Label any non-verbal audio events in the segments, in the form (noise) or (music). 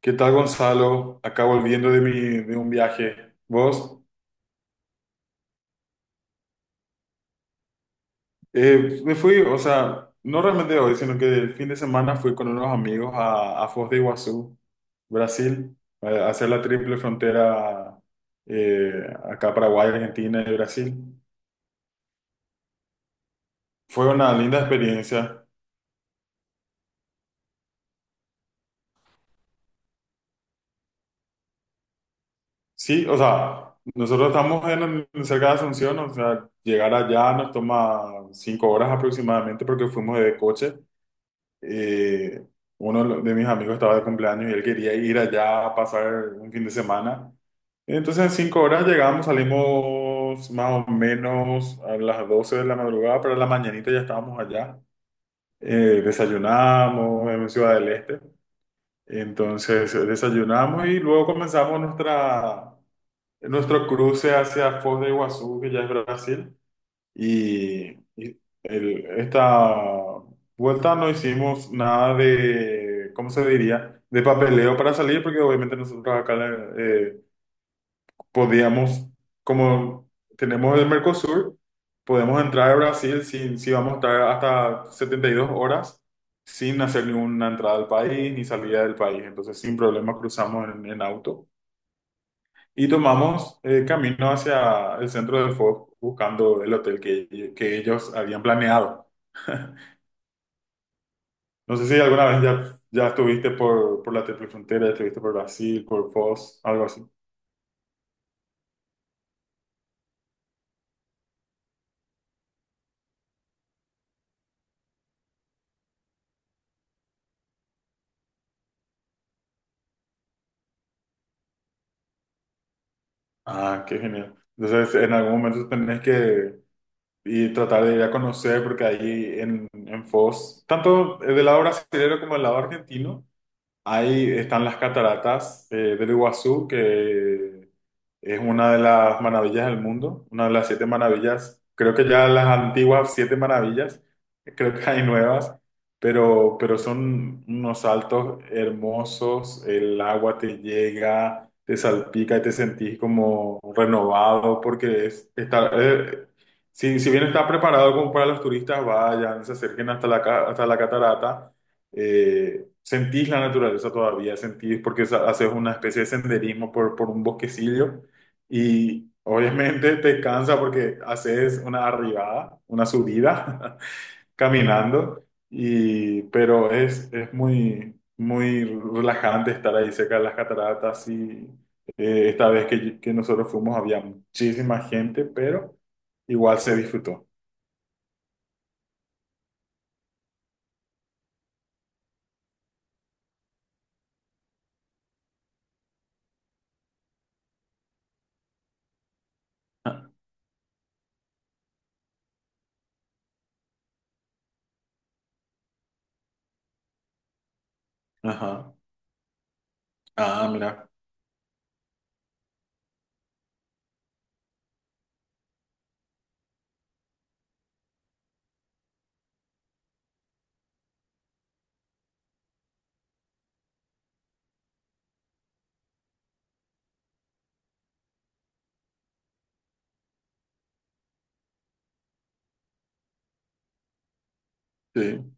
¿Qué tal, Gonzalo? Acá volviendo de un viaje. ¿Vos? Me fui, o sea, no realmente hoy, sino que el fin de semana fui con unos amigos a Foz de Iguazú, Brasil, a hacer la Triple Frontera, eh, acá Paraguay, Argentina y Brasil. Fue una linda experiencia. Sí, o sea, nosotros estamos cerca de Asunción. O sea, llegar allá nos toma 5 horas aproximadamente porque fuimos de coche. eh, uno de mis amigos estaba de cumpleaños y él quería ir allá a pasar un fin de semana. Entonces en 5 horas llegamos, salimos más o menos a las 12 de la madrugada, pero a la mañanita ya estábamos allá. Desayunamos en Ciudad del Este. Entonces desayunamos y luego comenzamos nuestro cruce hacia Foz de Iguazú, que ya es Brasil. Y, y esta vuelta no hicimos nada de, ¿cómo se diría? De papeleo para salir, porque obviamente nosotros acá eh, podíamos, como tenemos el Mercosur, podemos entrar a Brasil sin, si vamos a estar hasta 72 horas sin hacer ninguna entrada al país ni salida del país. Entonces, sin problema cruzamos en auto y tomamos camino hacia el centro del fuego buscando el hotel que ellos habían planeado. (laughs) No sé si alguna vez ya estuviste por la Triple Frontera, ya estuviste por Brasil, por Foz, algo así. Ah, qué genial. Entonces, en algún momento tenés que y tratar de ir a conocer, porque ahí en Foz, tanto del lado brasileño como del lado argentino, ahí están las cataratas del Iguazú, que es una de las maravillas del mundo, una de las siete maravillas. Creo que ya las antiguas siete maravillas, creo que hay nuevas, pero son unos saltos hermosos. El agua te llega, te salpica y te sentís como renovado, porque está, si bien está preparado como para los turistas, vayan, se acerquen hasta la catarata. Sentís la naturaleza todavía, sentís porque haces una especie de senderismo por un bosquecillo y obviamente (laughs) te cansa porque haces una arribada, una subida (laughs) caminando, pero es muy, muy relajante estar ahí cerca de las cataratas y esta vez que nosotros fuimos había muchísima gente, pero igual se disfrutó. (laughs) Ajá. Ah, mira. Sí.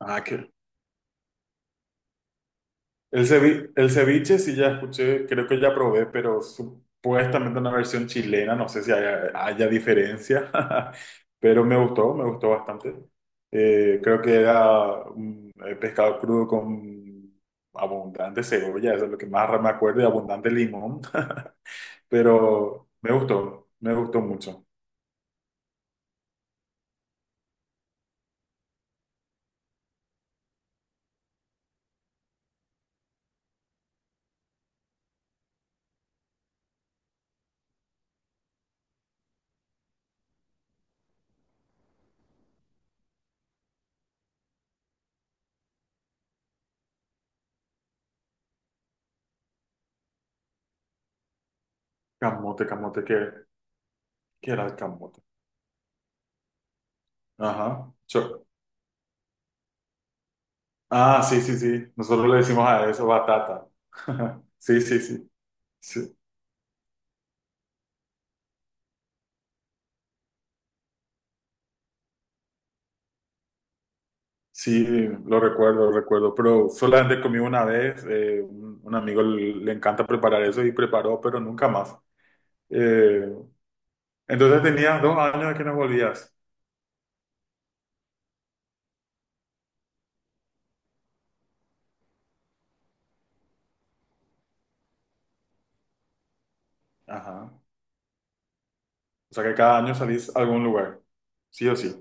Ah, el ceviche sí ya escuché, creo que ya probé, pero supuestamente una versión chilena, no sé si haya diferencia, (laughs) pero me gustó bastante. Creo que era un pescado crudo con abundante cebolla, eso es lo que más me acuerdo, y abundante limón, (laughs) pero me gustó mucho. Camote, camote, ¿qué era el camote? Ajá. Ah, sí, sí, sí, nosotros le decimos a eso batata. (laughs) Sí, sí, sí. Sí, sí, lo recuerdo, pero solamente comí una vez. Un amigo, le encanta preparar eso y preparó, pero nunca más. Eh, entonces tenías 2 años de que no volvías. Ajá. O sea que cada año salís a algún lugar, sí o sí.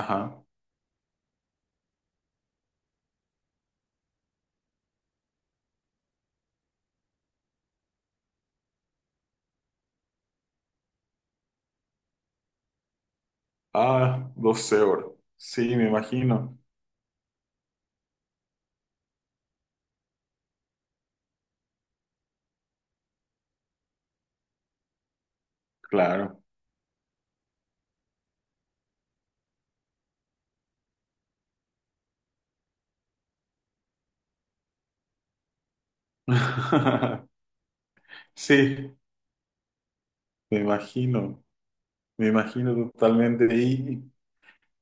Ajá. Ah, 12 horas. Sí, me imagino. Claro. (laughs) Sí, me imagino, me imagino totalmente. Y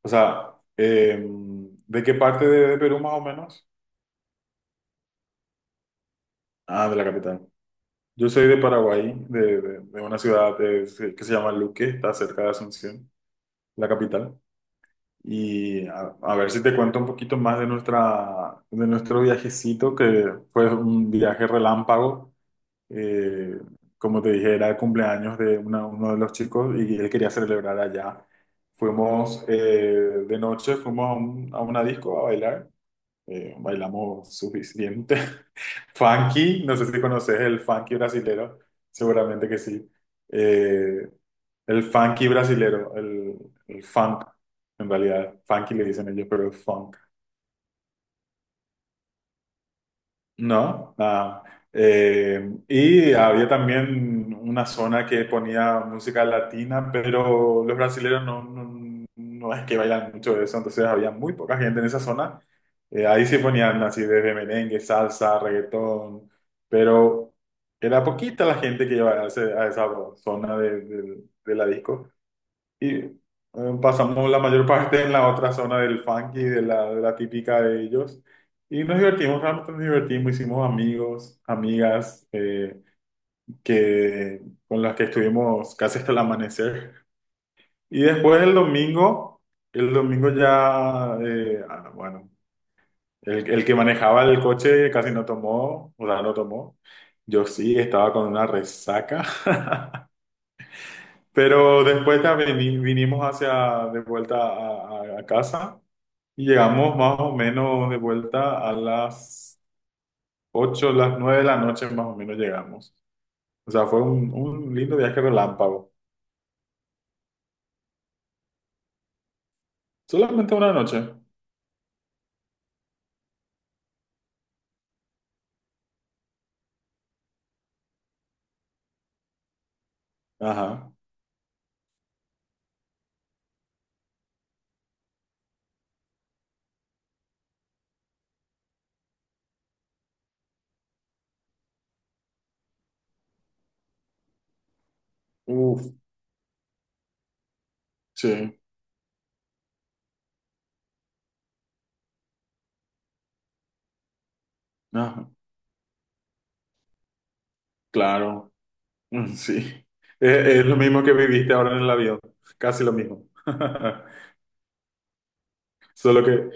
o sea, ¿de qué parte de Perú más o menos? Ah, de la capital. Yo soy de Paraguay, de, de una ciudad, que se llama Luque, está cerca de Asunción, la capital. Y a ver si te cuento un poquito más de nuestra, de nuestro viajecito, que fue un viaje relámpago. Eh, como te dije, era el cumpleaños de uno de los chicos y él quería celebrar allá. Fuimos de noche, fuimos a una disco a bailar. Bailamos suficiente. (laughs) Funky, no sé si conoces el funky brasilero, seguramente que sí. Eh, el funky brasilero, el funk, en realidad, funky le dicen ellos, pero es funk. No, nada. Y había también una zona que ponía música latina, pero los brasileños no, no, no es que bailan mucho de eso, entonces había muy poca gente en esa zona. Ahí sí ponían así desde merengue, salsa, reggaetón, pero era poquita la gente que iba a esa zona de, de la disco. Y pasamos la mayor parte en la otra zona del funky, de la típica de ellos. Y nos divertimos, realmente nos divertimos, hicimos amigos, amigas, que, con las que estuvimos casi hasta el amanecer. Y después el domingo ya, bueno, el que manejaba el coche casi no tomó, o sea, no tomó. Yo sí estaba con una resaca. (laughs) Pero después ya vinimos de vuelta a casa y llegamos más o menos de vuelta a las 8 las 9 de la noche, más o menos llegamos. O sea, fue un lindo viaje relámpago. Solamente una noche. Ajá. Uf, sí. Ajá. Claro. Mm, sí. Es lo mismo que viviste ahora en el avión. Casi lo mismo. (laughs) Solo que.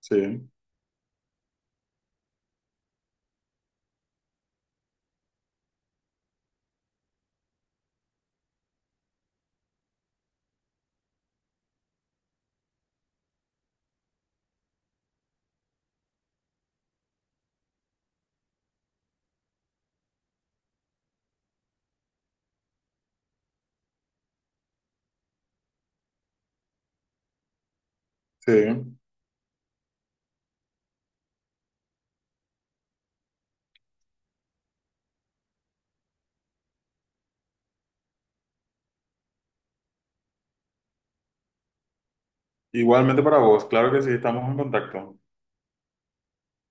Sí, sí. Igualmente para vos. Claro que sí, estamos en contacto.